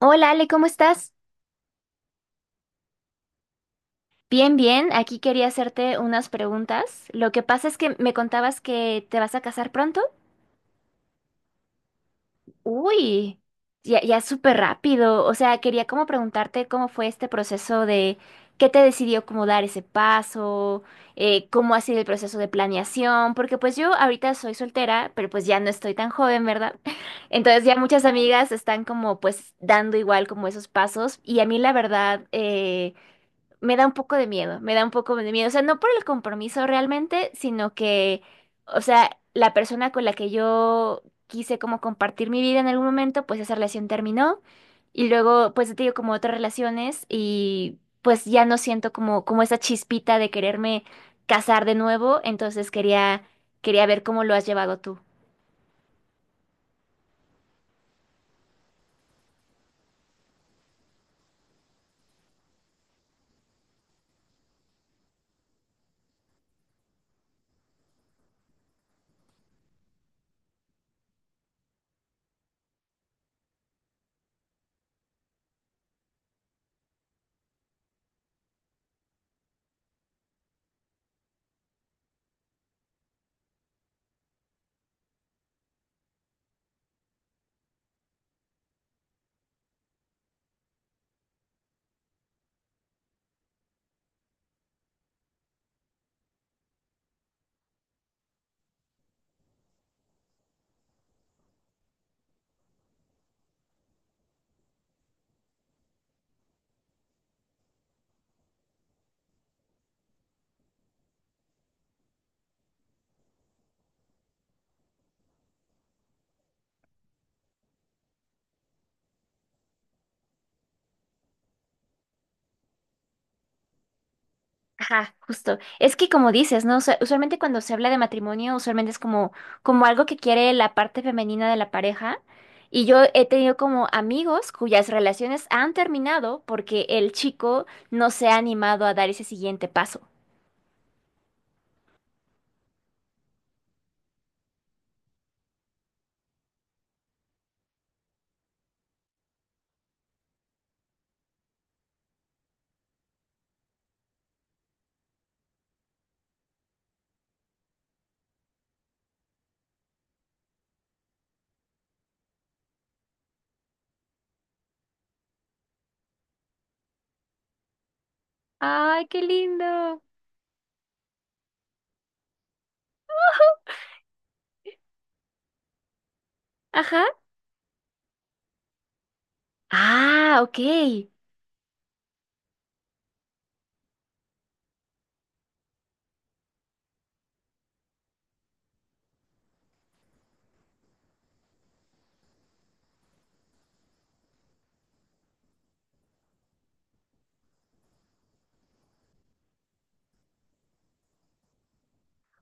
Hola Ale, ¿cómo estás? Bien, bien. Aquí quería hacerte unas preguntas. Lo que pasa es que me contabas que te vas a casar pronto. Uy, ya, ya es súper rápido. O sea, quería como preguntarte cómo fue este proceso de qué te decidió como dar ese paso, cómo ha sido el proceso de planeación, porque pues yo ahorita soy soltera, pero pues ya no estoy tan joven, ¿verdad? Entonces ya muchas amigas están como pues dando igual como esos pasos y a mí la verdad. Me da un poco de miedo, me da un poco de miedo. O sea, no por el compromiso realmente, sino que, o sea, la persona con la que yo quise como compartir mi vida en algún momento, pues esa relación terminó. Y luego, pues te digo, como otras relaciones y pues ya no siento como, como esa chispita de quererme casar de nuevo. Entonces quería, ver cómo lo has llevado tú. Ajá, justo. Es que como dices, ¿no? Usualmente cuando se habla de matrimonio, usualmente es como, como algo que quiere la parte femenina de la pareja. Y yo he tenido como amigos cuyas relaciones han terminado porque el chico no se ha animado a dar ese siguiente paso. ¡Ay, qué lindo! Ajá. Ah, ok.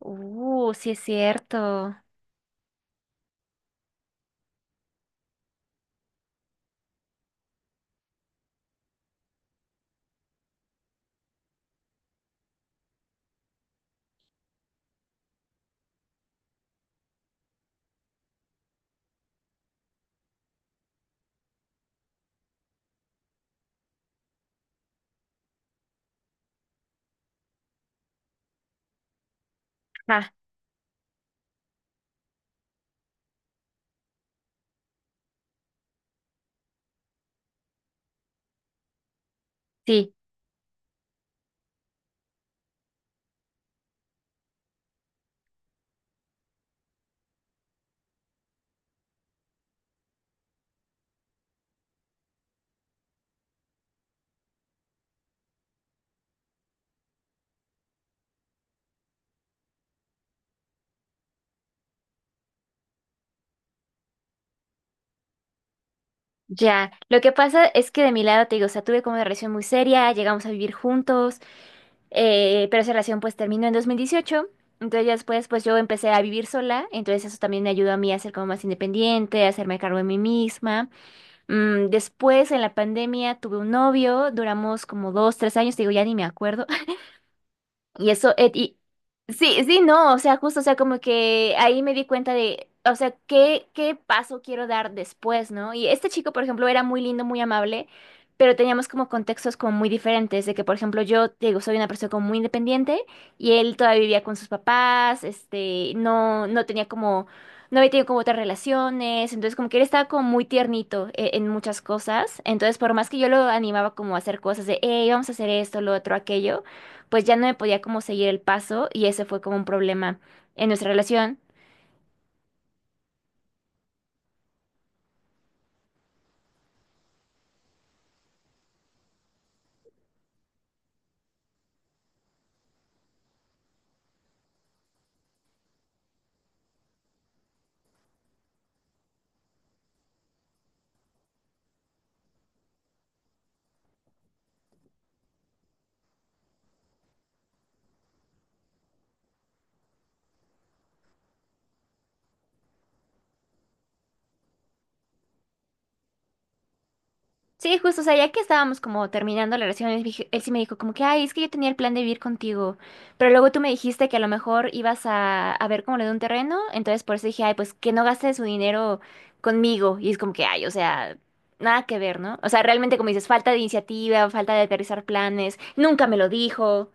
Sí es cierto. Ajá, sí, ya. Lo que pasa es que de mi lado te digo, o sea, tuve como una relación muy seria, llegamos a vivir juntos. Pero esa relación pues terminó en 2018. Entonces ya después pues yo empecé a vivir sola. Entonces eso también me ayudó a mí a ser como más independiente, a hacerme cargo de mí misma. Después en la pandemia tuve un novio, duramos como dos, tres años, digo ya ni me acuerdo. Y eso, y, sí, sí, no, o sea, justo, o sea, como que ahí me di cuenta de, o sea, qué, qué paso quiero dar después, ¿no? Y este chico, por ejemplo, era muy lindo, muy amable, pero teníamos como contextos como muy diferentes, de que, por ejemplo, yo, te digo, soy una persona como muy independiente y él todavía vivía con sus papás, este, no, no tenía como, no había tenido como otras relaciones, entonces como que él estaba como muy tiernito en, muchas cosas, entonces por más que yo lo animaba como a hacer cosas de, hey, vamos a hacer esto, lo otro, aquello pues ya no me podía como seguir el paso y ese fue como un problema en nuestra relación. Sí, justo, o sea, ya que estábamos como terminando la relación, él, él sí me dijo como que, ay, es que yo tenía el plan de vivir contigo, pero luego tú me dijiste que a lo mejor ibas a ver como lo de un terreno, entonces por eso dije, ay, pues que no gaste su dinero conmigo y es como que, ay, o sea... Nada que ver, ¿no? O sea, realmente como dices, falta de iniciativa, falta de aterrizar planes, nunca me lo dijo.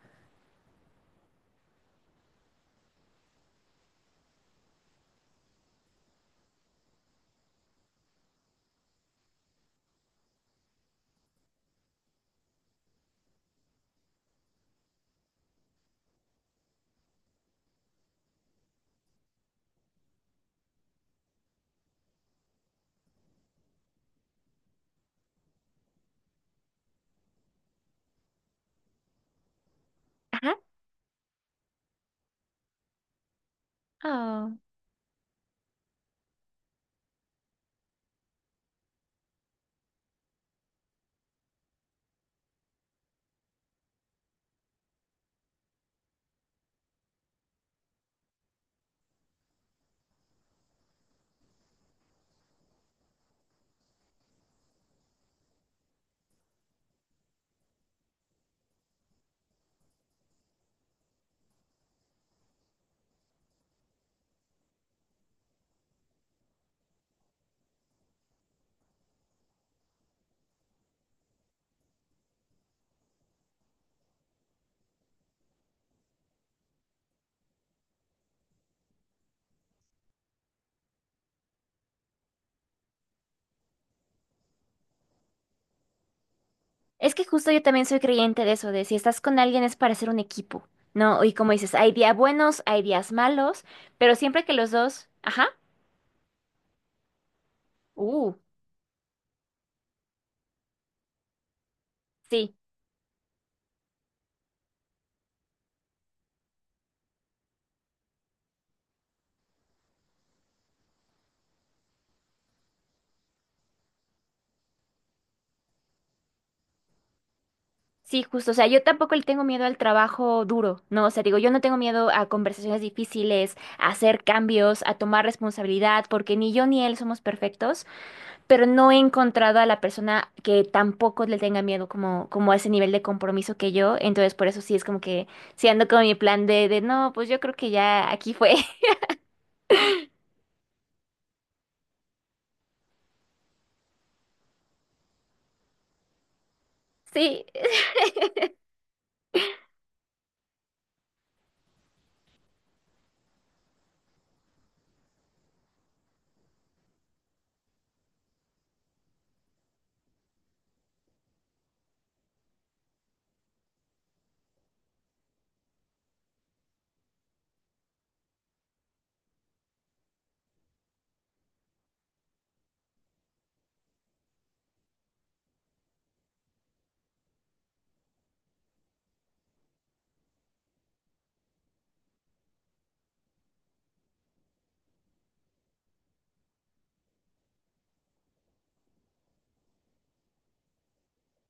Ajá. Es que justo yo también soy creyente de eso, de si estás con alguien es para ser un equipo, ¿no? Y como dices, hay días buenos, hay días malos, pero siempre que los dos, ajá, uh, sí, sí, justo, o sea, yo tampoco le tengo miedo al trabajo duro, ¿no? O sea, digo, yo no tengo miedo a conversaciones difíciles, a hacer cambios, a tomar responsabilidad, porque ni yo ni él somos perfectos. Pero no he encontrado a la persona que tampoco le tenga miedo como, como a ese nivel de compromiso que yo. Entonces, por eso sí es como que si ando con mi plan de no, pues yo creo que ya aquí fue. Sí,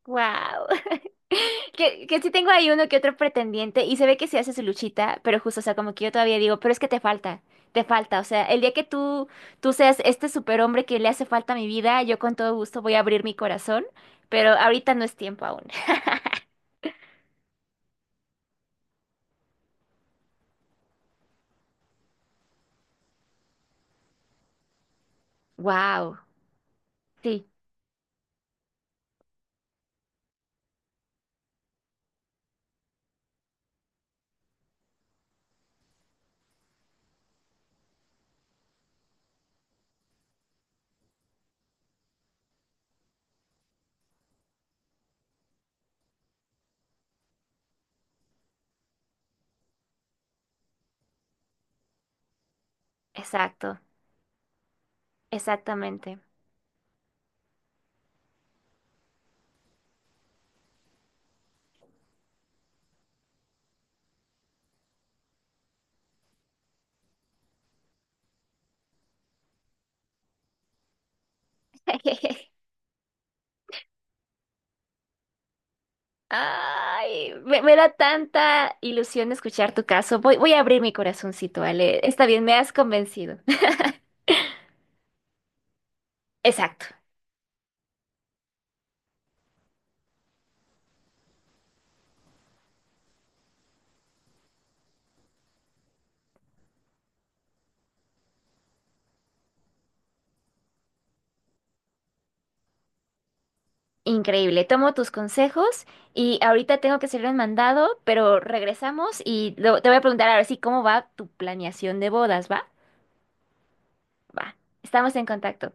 wow. Que sí tengo ahí uno que otro pretendiente y se ve que se hace su luchita, pero justo, o sea, como que yo todavía digo, pero es que te falta, te falta. O sea, el día que tú seas este superhombre que le hace falta a mi vida, yo con todo gusto voy a abrir mi corazón, pero ahorita no es tiempo aún. Wow. Sí, exacto, exactamente. Ay, me da tanta ilusión escuchar tu caso. Voy, voy a abrir mi corazoncito, Ale. Está bien, me has convencido. Exacto. Increíble. Tomo tus consejos y ahorita tengo que hacer un mandado, pero regresamos y te voy a preguntar ahora sí cómo va tu planeación de bodas, ¿va? Va. Estamos en contacto.